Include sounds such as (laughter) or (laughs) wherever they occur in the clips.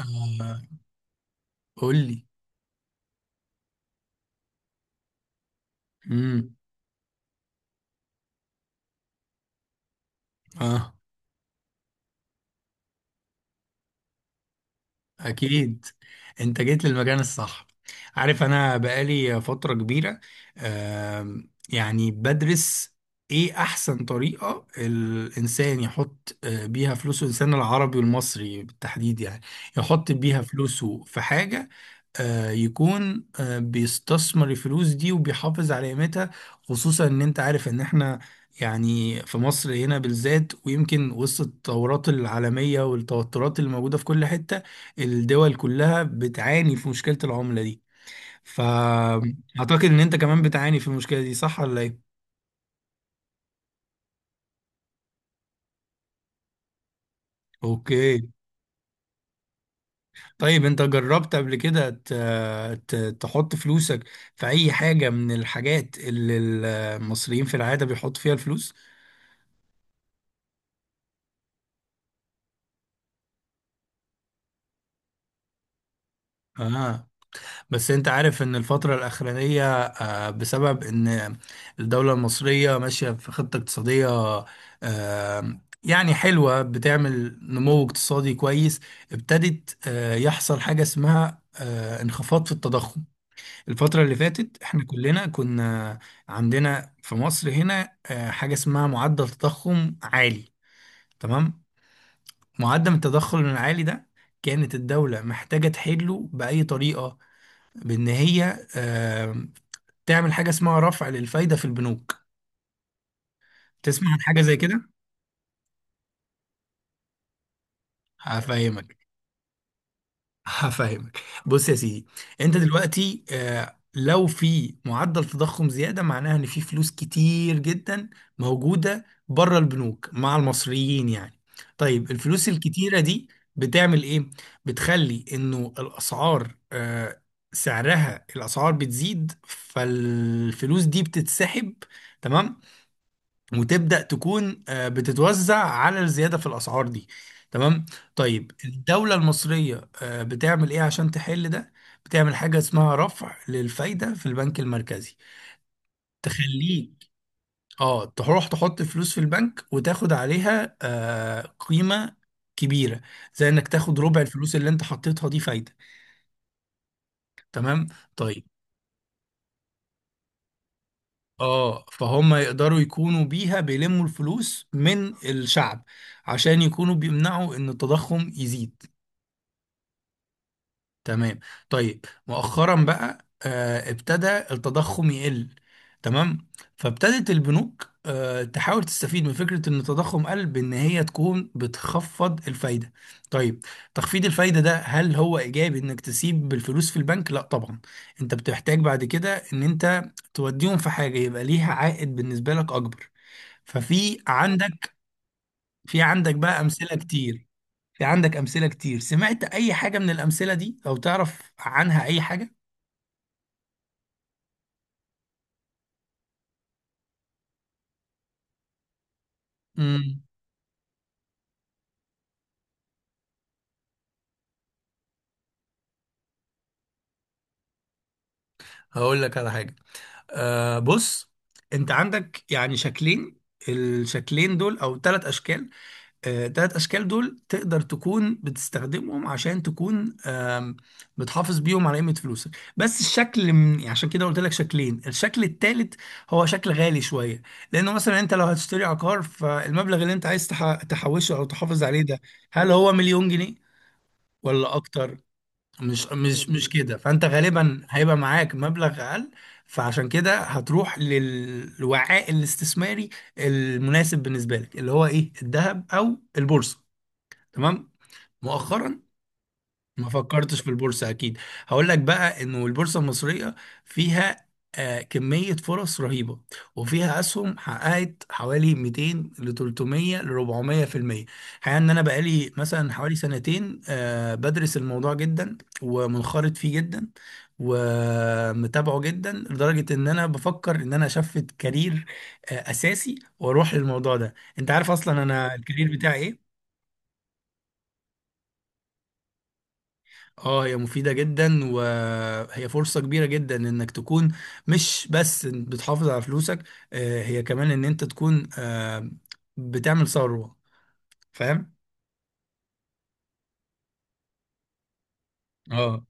آه. قول لي. امم. اه، اكيد. انت جيت للمكان الصح. عارف انا بقالي فترة كبيرة، آه يعني بدرس ايه احسن طريقة الانسان يحط بيها فلوسه، الانسان العربي والمصري بالتحديد يعني، يحط بيها فلوسه في حاجة يكون بيستثمر الفلوس دي وبيحافظ على قيمتها. خصوصا ان انت عارف ان احنا يعني في مصر هنا بالذات، ويمكن وسط التطورات العالمية والتوترات اللي موجودة في كل حتة، الدول كلها بتعاني في مشكلة العملة دي. فأعتقد ان انت كمان بتعاني في المشكلة دي، صح ولا ايه؟ اوكي. طيب، انت جربت قبل كده تحط فلوسك في اي حاجة من الحاجات اللي المصريين في العادة بيحطوا فيها الفلوس؟ اه. بس انت عارف ان الفترة الاخرانية، بسبب ان الدولة المصرية ماشية في خطة اقتصادية يعني حلوة، بتعمل نمو اقتصادي كويس، ابتدت يحصل حاجة اسمها انخفاض في التضخم. الفترة اللي فاتت احنا كلنا كنا عندنا في مصر هنا حاجة اسمها معدل تضخم عالي. تمام. معدل التضخم العالي ده كانت الدولة محتاجة تحله بأي طريقة، بإن هي تعمل حاجة اسمها رفع للفايدة في البنوك. تسمع عن حاجة زي كده؟ هفهمك، هفهمك. بص يا سيدي، انت دلوقتي لو في معدل تضخم زيادة، معناها ان في فلوس كتير جدا موجودة بره البنوك مع المصريين يعني. طيب الفلوس الكتيرة دي بتعمل ايه؟ بتخلي انه الاسعار سعرها، الاسعار بتزيد، فالفلوس دي بتتسحب. تمام. وتبدأ تكون بتتوزع على الزيادة في الأسعار دي. تمام. طيب الدولة المصرية بتعمل إيه عشان تحل ده؟ بتعمل حاجة اسمها رفع للفايدة في البنك المركزي. تخليك، اه، تروح تحط فلوس في البنك وتاخد عليها قيمة كبيرة، زي انك تاخد ربع الفلوس اللي انت حطيتها دي فايدة. تمام. طيب اه، فهم يقدروا يكونوا بيها بيلموا الفلوس من الشعب عشان يكونوا بيمنعوا ان التضخم يزيد. تمام. طيب مؤخرا بقى ابتدى التضخم يقل. تمام. فابتدت البنوك تحاول تستفيد من فكرة ان التضخم قل بان هي تكون بتخفض الفايدة. طيب، تخفيض الفايدة ده هل هو ايجابي انك تسيب الفلوس في البنك؟ لا طبعا. انت بتحتاج بعد كده ان انت توديهم في حاجة يبقى ليها عائد بالنسبة لك اكبر. ففي عندك، في عندك بقى امثلة كتير. في عندك أمثلة كتير. سمعت أي حاجة من الأمثلة دي أو تعرف عنها أي حاجة؟ امم. هقول لك على حاجة. آه بص، أنت عندك يعني شكلين، الشكلين دول أو ثلاث أشكال. آه، ثلاث أشكال دول تقدر تكون بتستخدمهم عشان تكون بتحافظ بيهم على قيمة فلوسك. بس الشكل من يعني، عشان كده قلت لك شكلين، الشكل الثالث هو شكل غالي شوية، لأنه مثلا أنت لو هتشتري عقار، فالمبلغ اللي أنت عايز تحوشه أو تحافظ عليه ده هل هو 1,000,000 جنيه ولا اكتر؟ مش كده. فانت غالبا هيبقى معاك مبلغ اقل، فعشان كده هتروح للوعاء الاستثماري المناسب بالنسبه لك، اللي هو ايه؟ الذهب او البورصه. تمام. مؤخرا ما فكرتش في البورصة أكيد. هقول لك بقى إنه البورصة المصرية فيها كمية فرص رهيبة، وفيها أسهم حققت حوالي 200 ل 300 ل 400 في المية. الحقيقة إن أنا بقالي مثلا حوالي 2 سنتين بدرس الموضوع جدا، ومنخرط فيه جدا، ومتابعه جدا، لدرجة إن أنا بفكر إن أنا أشفت كارير أساسي وأروح للموضوع ده. أنت عارف أصلا أنا الكارير بتاعي إيه؟ اه هي مفيدة جدا، وهي فرصة كبيرة جدا، انك تكون مش بس بتحافظ على فلوسك، هي كمان ان انت تكون بتعمل ثروة. فاهم؟ اه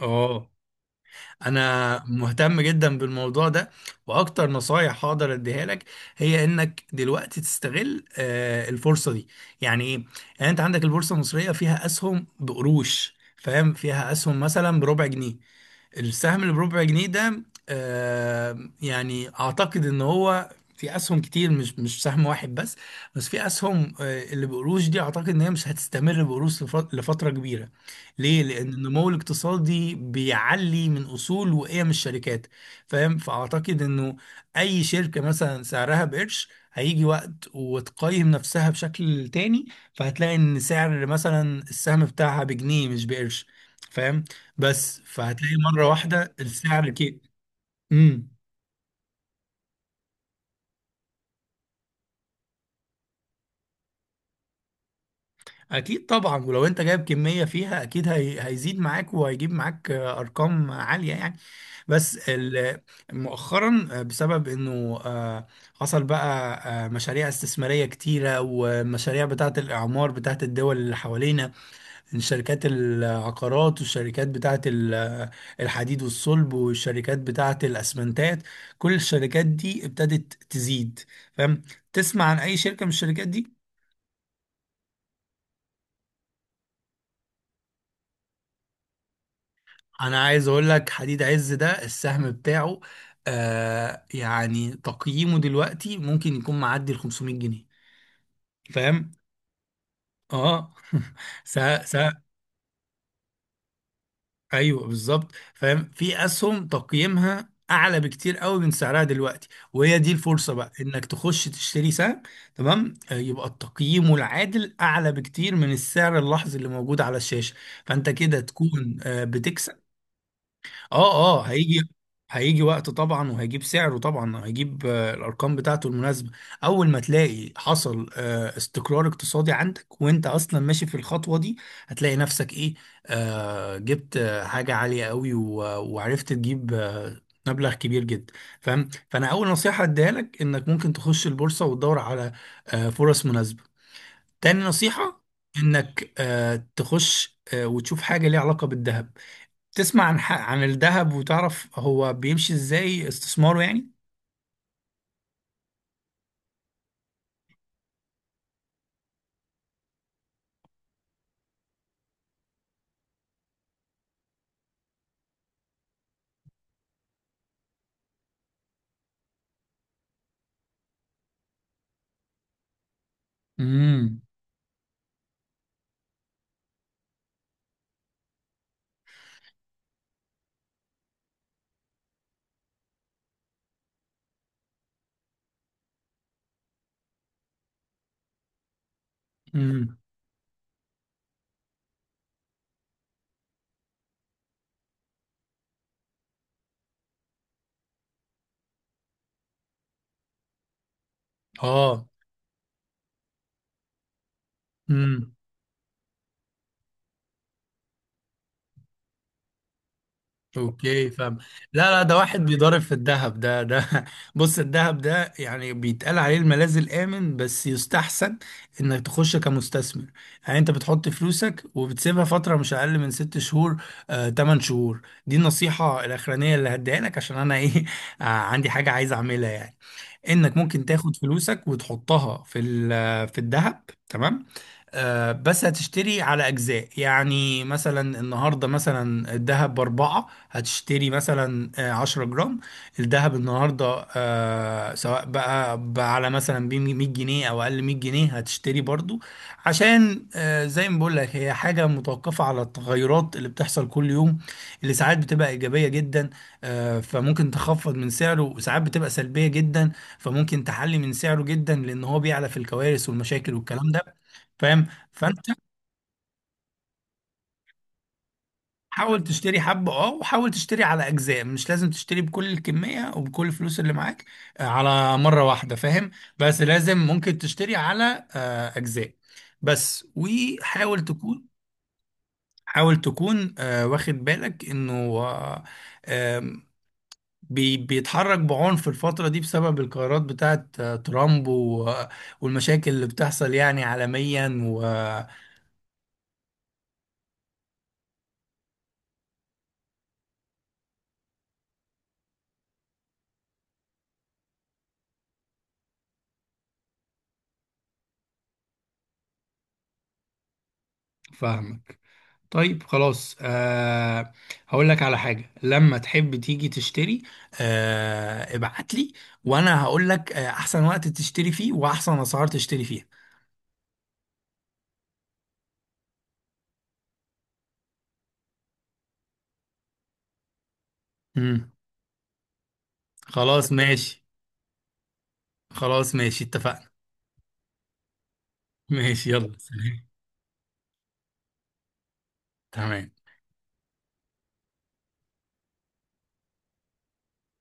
اه، انا مهتم جدا بالموضوع ده. واكتر نصايح هقدر اديها لك هي انك دلوقتي تستغل الفرصة دي. يعني ايه؟ يعني انت عندك البورصة المصرية فيها اسهم بقروش، فاهم؟ فيها اسهم مثلا بربع جنيه. السهم اللي بربع جنيه ده يعني اعتقد ان هو في اسهم كتير، مش سهم واحد بس، بس في اسهم اللي بقروش دي اعتقد ان هي مش هتستمر بقروش لفتره كبيره. ليه؟ لان النمو الاقتصادي بيعلي من اصول وقيم الشركات. فاهم؟ فاعتقد انه اي شركه مثلا سعرها بقرش، هيجي وقت وتقيم نفسها بشكل تاني، فهتلاقي ان سعر مثلا السهم بتاعها بجنيه مش بقرش. فاهم؟ بس فهتلاقي مرة واحدة السعر كده. امم. اكيد طبعا، ولو انت جايب كمية فيها اكيد هي هيزيد معاك، وهيجيب معاك ارقام عالية يعني. بس ال- مؤخرا بسبب انه حصل بقى مشاريع استثمارية كتيرة، ومشاريع بتاعة الاعمار بتاعة الدول اللي حوالينا، شركات العقارات والشركات بتاعة الحديد والصلب، والشركات بتاعة الأسمنتات. كل الشركات دي ابتدت تزيد. فاهم؟ تسمع عن أي شركة من الشركات دي؟ أنا عايز أقول لك حديد عز ده السهم بتاعه يعني تقييمه دلوقتي ممكن يكون معدي ال 500 جنيه. فاهم؟ اه. (laughs) س- س- ايوه بالظبط. فاهم في اسهم تقييمها اعلى بكتير قوي من سعرها دلوقتي، وهي دي الفرصه بقى، انك تخش تشتري سهم. تمام. يبقى التقييم العادل اعلى بكتير من السعر اللحظي اللي موجود على الشاشه، فانت كده تكون بتكسب. اه اه، هيجي، هيجي وقت طبعا وهيجيب سعره، طبعا هيجيب الارقام بتاعته المناسبه. اول ما تلاقي حصل استقرار اقتصادي عندك، وانت اصلا ماشي في الخطوه دي، هتلاقي نفسك ايه، آه، جبت حاجه عاليه قوي، وعرفت تجيب مبلغ كبير جدا. فاهم؟ فانا اول نصيحه اديها لك انك ممكن تخش البورصه وتدور على فرص مناسبه. تاني نصيحه، انك تخش وتشوف حاجه ليها علاقه بالذهب. تسمع عن عن الذهب، وتعرف هو بيمشي ازاي استثماره يعني. امم. امم. اه. امم. اوكي، فاهم. لا ده واحد بيضارب في الذهب، ده (laughs) بص الذهب ده يعني بيتقال عليه الملاذ الآمن، بس يستحسن انك تخش كمستثمر. يعني انت بتحط فلوسك وبتسيبها فترة مش اقل من 6 شهور، 8 شهور. دي النصيحة الاخرانية اللي هديها لك عشان انا ايه، (laughs) عندي حاجة عايز اعملها يعني. انك ممكن تاخد فلوسك وتحطها في في الذهب. تمام. بس هتشتري على أجزاء. يعني مثلا النهاردة مثلا الذهب بأربعة هتشتري مثلا 10 جرام. الذهب النهاردة سواء بقى على مثلا 100 جنيه أو أقل 100 جنيه هتشتري برضو. عشان زي ما بقول لك هي حاجة متوقفة على التغيرات اللي بتحصل كل يوم، اللي ساعات بتبقى إيجابية جدا، فممكن تخفض من سعره، وساعات بتبقى سلبية جدا، فممكن تحلي من سعره جدا، لأن هو بيعلى في الكوارث والمشاكل والكلام ده. فاهم؟ فانت حاول تشتري حبة اه، وحاول تشتري على اجزاء، مش لازم تشتري بكل الكمية وبكل الفلوس اللي معاك على مرة واحدة. فاهم؟ بس لازم ممكن تشتري على اجزاء بس، وحاول تكون، حاول تكون واخد بالك انه آه، آم، بيتحرك بعنف الفترة دي بسبب القرارات بتاعت ترامب والمشاكل اللي بتحصل يعني عالميا. وفاهمك. طيب خلاص أه، هقول لك على حاجة. لما تحب تيجي تشتري، أه، ابعت لي وانا هقول لك احسن وقت تشتري فيه واحسن اسعار تشتري فيها. امم. خلاص ماشي، خلاص ماشي، اتفقنا. ماشي، يلا سلام. تمام.